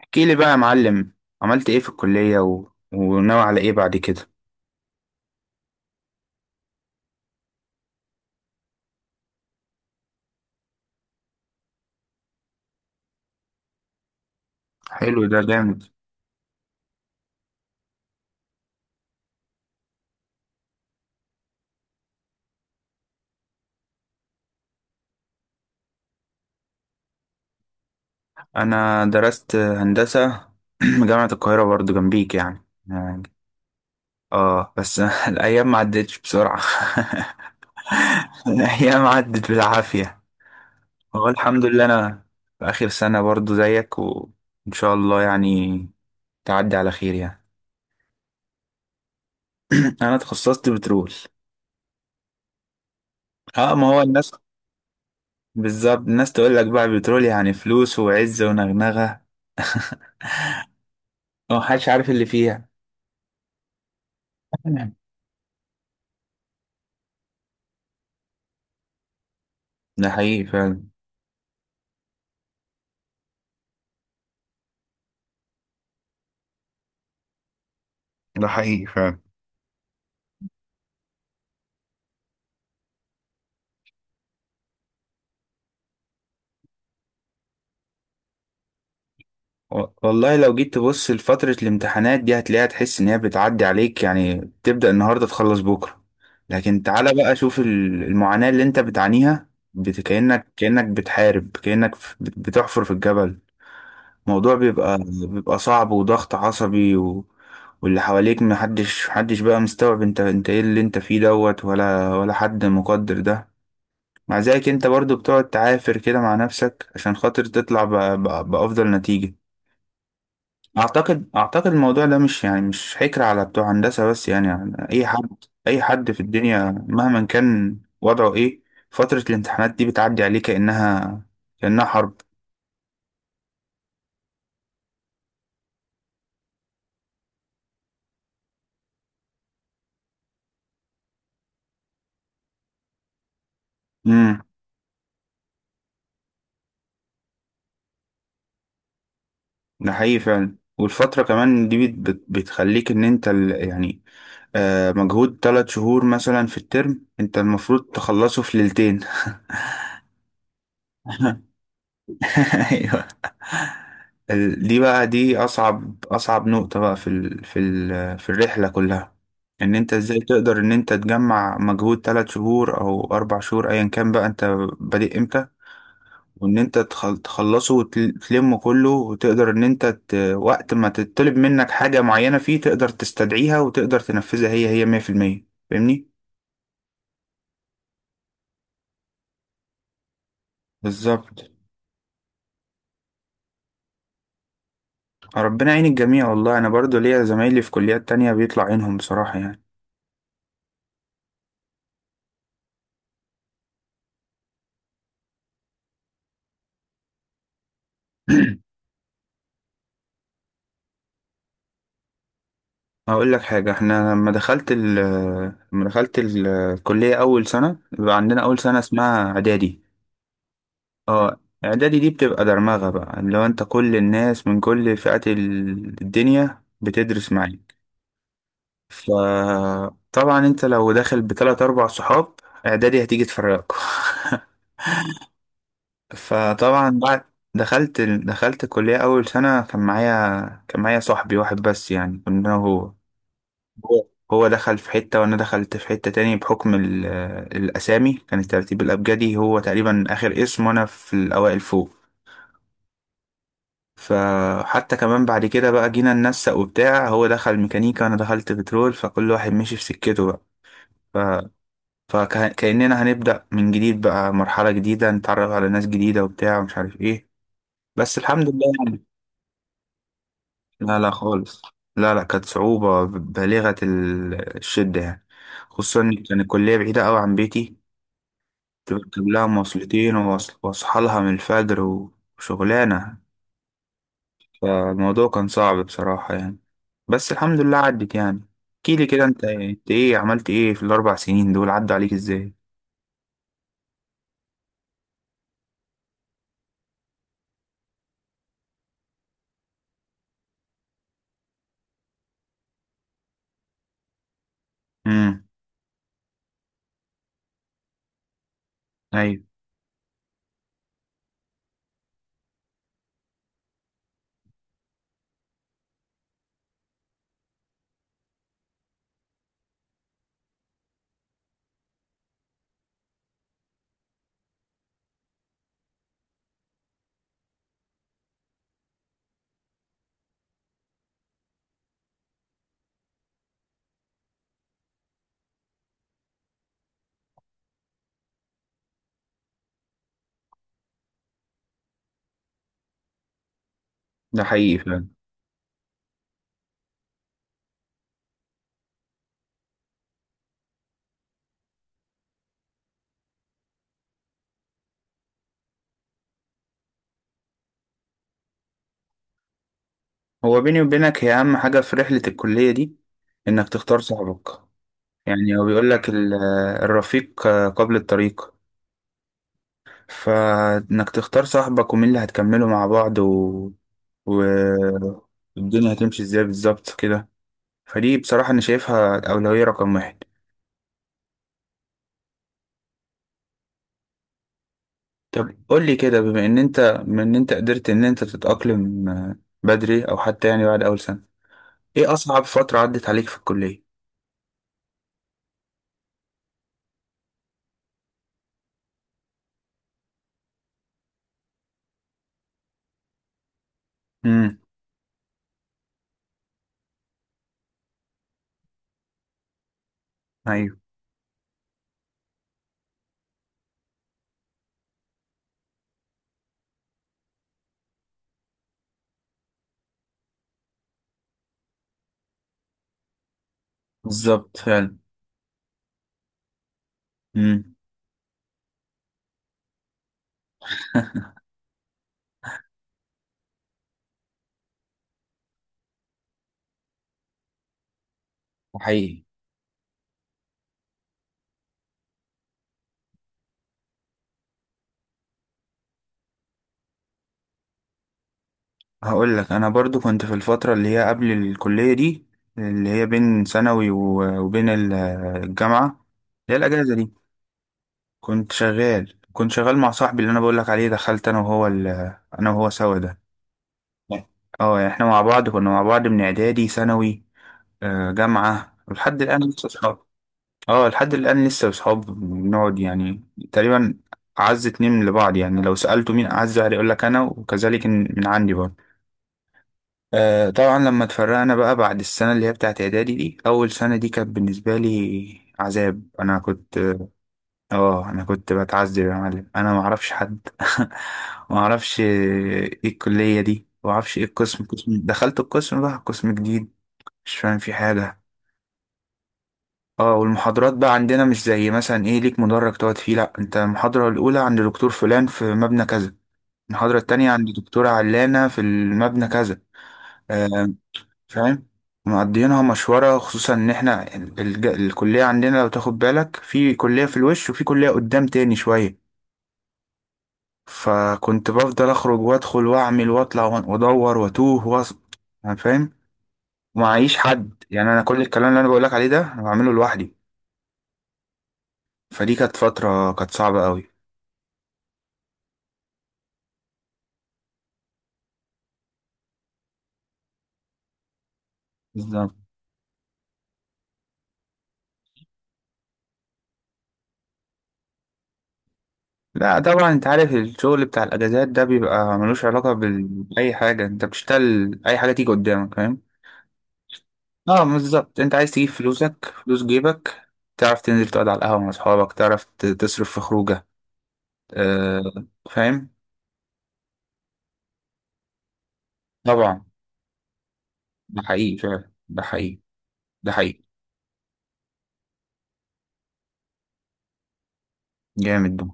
احكيلي بقى يا معلم. عملت ايه في الكلية و... وناوي على ايه بعد كده؟ حلو، ده جامد. انا درست هندسة. جامعة القاهرة برضو جنبيك، يعني. اه، بس الايام ما عدتش بسرعة. الايام عدت بالعافية. هو الحمد لله انا في اخر سنة برضو زيك، وان شاء الله يعني تعدي على خير يعني. انا تخصصت بترول. اه، ما هو الناس. بالظبط، الناس تقول لك بقى بترول يعني فلوس وعزة ونغنغة. اه، محدش عارف اللي فيها. ده حقيقي فعلا. ده حقيقي فعلا. والله لو جيت تبص لفترة الامتحانات دي هتلاقيها، تحس إن هي بتعدي عليك، يعني تبدأ النهاردة تخلص بكرة. لكن تعالى بقى شوف المعاناة اللي أنت بتعانيها، كأنك بتحارب، كأنك بتحفر في الجبل. الموضوع بيبقى صعب وضغط عصبي. و... واللي حواليك محدش بقى مستوعب انت ايه اللي انت فيه دوت، ولا حد مقدر ده. مع ذلك انت برضو بتقعد تعافر كده مع نفسك عشان خاطر تطلع بأفضل نتيجة. اعتقد الموضوع ده مش حكر على بتوع هندسة بس، يعني اي حد. اي حد في الدنيا مهما كان وضعه ايه، فترة الامتحانات دي بتعدي عليه كأنها حرب. امم ده حقيقي فعلا. والفترة كمان دي بتخليك ان انت يعني. مجهود ثلاث شهور مثلا في الترم انت المفروض تخلصه في ليلتين. ايوه. دي اصعب نقطة بقى في الرحلة كلها. ان انت ازاي تقدر ان انت تجمع مجهود ثلاث شهور او اربع شهور ايا كان بقى انت بادئ امتى، وان انت تخلصه وتلمه كله، وتقدر ان انت وقت ما تطلب منك حاجة معينة فيه تقدر تستدعيها وتقدر تنفذها هي 100%، فاهمني؟ بالظبط. ربنا يعين الجميع، والله انا برضو ليا زمايلي في كليات تانية بيطلع عينهم بصراحة يعني. هقول لك حاجة، احنا لما دخلت الكلية أول سنة بيبقى عندنا أول سنة اسمها إعدادي. اه. إعدادي دي بتبقى درمغة بقى، اللي هو أنت كل الناس من كل فئات الدنيا بتدرس معاك. فطبعا أنت لو داخل بتلات أربع صحاب، إعدادي هتيجي تفرقك. فطبعا بعد دخلت الكلية أول سنة كان معايا صاحبي واحد بس، يعني كنا. هو هو دخل في حتة وأنا دخلت في حتة تاني، بحكم الأسامي، كان الترتيب الأبجدي هو تقريبا آخر اسم وأنا في الأوائل فوق. فحتى كمان بعد كده بقى جينا ننسق وبتاع، هو دخل ميكانيكا وأنا دخلت بترول، فكل واحد مشي في سكته بقى ف... فكأننا هنبدأ من جديد بقى، مرحلة جديدة نتعرف على ناس جديدة وبتاع ومش عارف إيه، بس الحمد لله يعني. لا لا خالص. لا لا، كانت صعوبة بالغة الشدة يعني. خصوصا إن كان الكلية بعيدة أوي عن بيتي، تركب لها مواصلتين وأصحى لها من الفجر وشغلانة. فالموضوع كان صعب بصراحة يعني، بس الحمد لله عدت يعني. احكيلي كده، انت ايه عملت ايه في الأربع سنين دول، عدوا عليك ازاي؟ امم. أيوة. ده حقيقي فعلا. هو بيني وبينك، هي أهم حاجة في رحلة الكلية دي إنك تختار صاحبك. يعني هو بيقول لك الرفيق قبل الطريق. فانك تختار صاحبك ومين اللي هتكملوا مع بعض و... الدنيا هتمشي ازاي بالظبط كده. فدي بصراحة انا شايفها الأولوية رقم واحد. طب قول لي كده، بما ان انت من ان انت قدرت ان انت تتأقلم بدري، او حتى يعني بعد اول سنة، ايه اصعب فترة عدت عليك في الكلية؟ امم. ايوه، بالظبط فعلا. امم حقيقي. هقول لك، انا برضو كنت في الفتره اللي هي قبل الكليه دي، اللي هي بين ثانوي وبين الجامعه، اللي هي الاجازه دي. كنت شغال مع صاحبي اللي انا بقول لك عليه، دخلت انا وهو انا وهو سوا ده. اه، يعني احنا مع بعض، كنا مع بعض من اعدادي، ثانوي، جامعه، ولحد الان لسه اصحاب. اه، لحد الان لسه اصحاب بنقعد يعني. تقريبا اعز اتنين لبعض، يعني لو سالته مين اعز واحد يقول لك انا، وكذلك من عندي برضه. آه، طبعا لما اتفرقنا بقى بعد السنة اللي هي بتاعت إعدادي دي، أول سنة دي كانت بالنسبة لي عذاب. أنا كنت بتعذب يا معلم، أنا معرفش حد. معرفش إيه الكلية دي، معرفش إيه القسم، قسم دخلت، القسم بقى قسم جديد مش فاهم فيه حاجة. اه، والمحاضرات بقى عندنا مش زي مثلا ايه ليك مدرج تقعد فيه، لا انت المحاضرة الأولى عند دكتور فلان في مبنى كذا، المحاضرة التانية عند دكتورة علانة في المبنى كذا، آه، فاهم. معديينها مشوارة، خصوصا ان احنا الكلية عندنا لو تاخد بالك، في كلية في الوش وفي كلية قدام تاني شوية. فكنت بفضل اخرج وادخل واعمل واطلع وادور واتوه يعني، فاهم. ومعيش حد، يعني انا كل الكلام اللي انا بقولك عليه ده انا بعمله لوحدي. فدي كانت فترة كانت صعبة قوي. بالظبط. لا طبعا، انت عارف الشغل بتاع الاجازات ده بيبقى ملوش علاقة بأي حاجة، انت بتشتغل اي حاجة تيجي قدامك، فاهم. اه بالظبط، انت عايز تجيب فلوسك، فلوس جيبك، تعرف تنزل تقعد على القهوة مع اصحابك، تعرف تصرف في خروجة. آه فاهم. طبعا. ده حقيقي فعلا. ده حقيقي. ده حقيقي. جامد ده.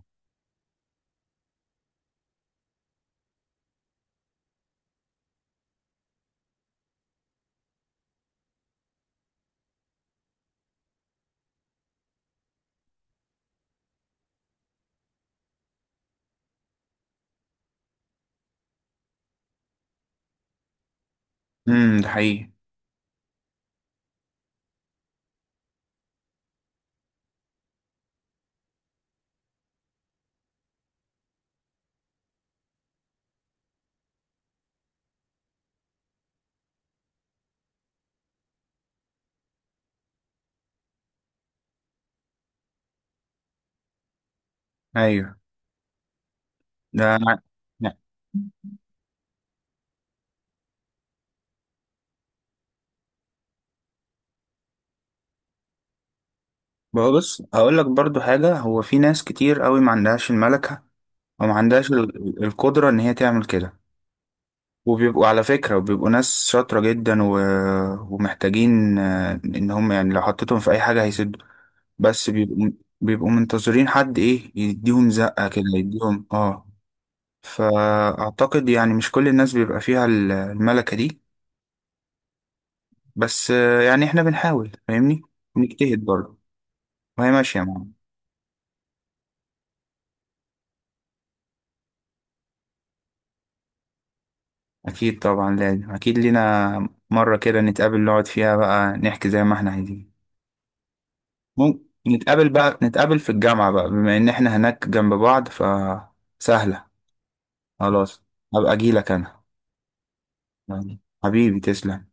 ده حقيقي. ايوه. ده انا. لا. بقى بص هقول لك برضو حاجة، هو في ناس كتير قوي ما عندهاش الملكة، وما عندهاش القدرة إن هي تعمل كده. وبيبقوا على فكرة وبيبقوا ناس شاطرة جدا، ومحتاجين إن هم يعني لو حطيتهم في أي حاجة هيسدوا، بس بيبقوا منتظرين حد ايه، يديهم زقة كده، يديهم اه فأعتقد يعني مش كل الناس بيبقى فيها الملكة دي. بس يعني احنا بنحاول فاهمني، نجتهد برضه وهي ماشية معانا. أكيد طبعا، لازم أكيد. لينا مرة كده نتقابل نقعد فيها بقى نحكي زي ما احنا عايزين. ممكن نتقابل في الجامعة بقى، بما إن احنا هناك جنب بعض فسهلة. خلاص، هبقى أجيلك أنا. يعني حبيبي، تسلم.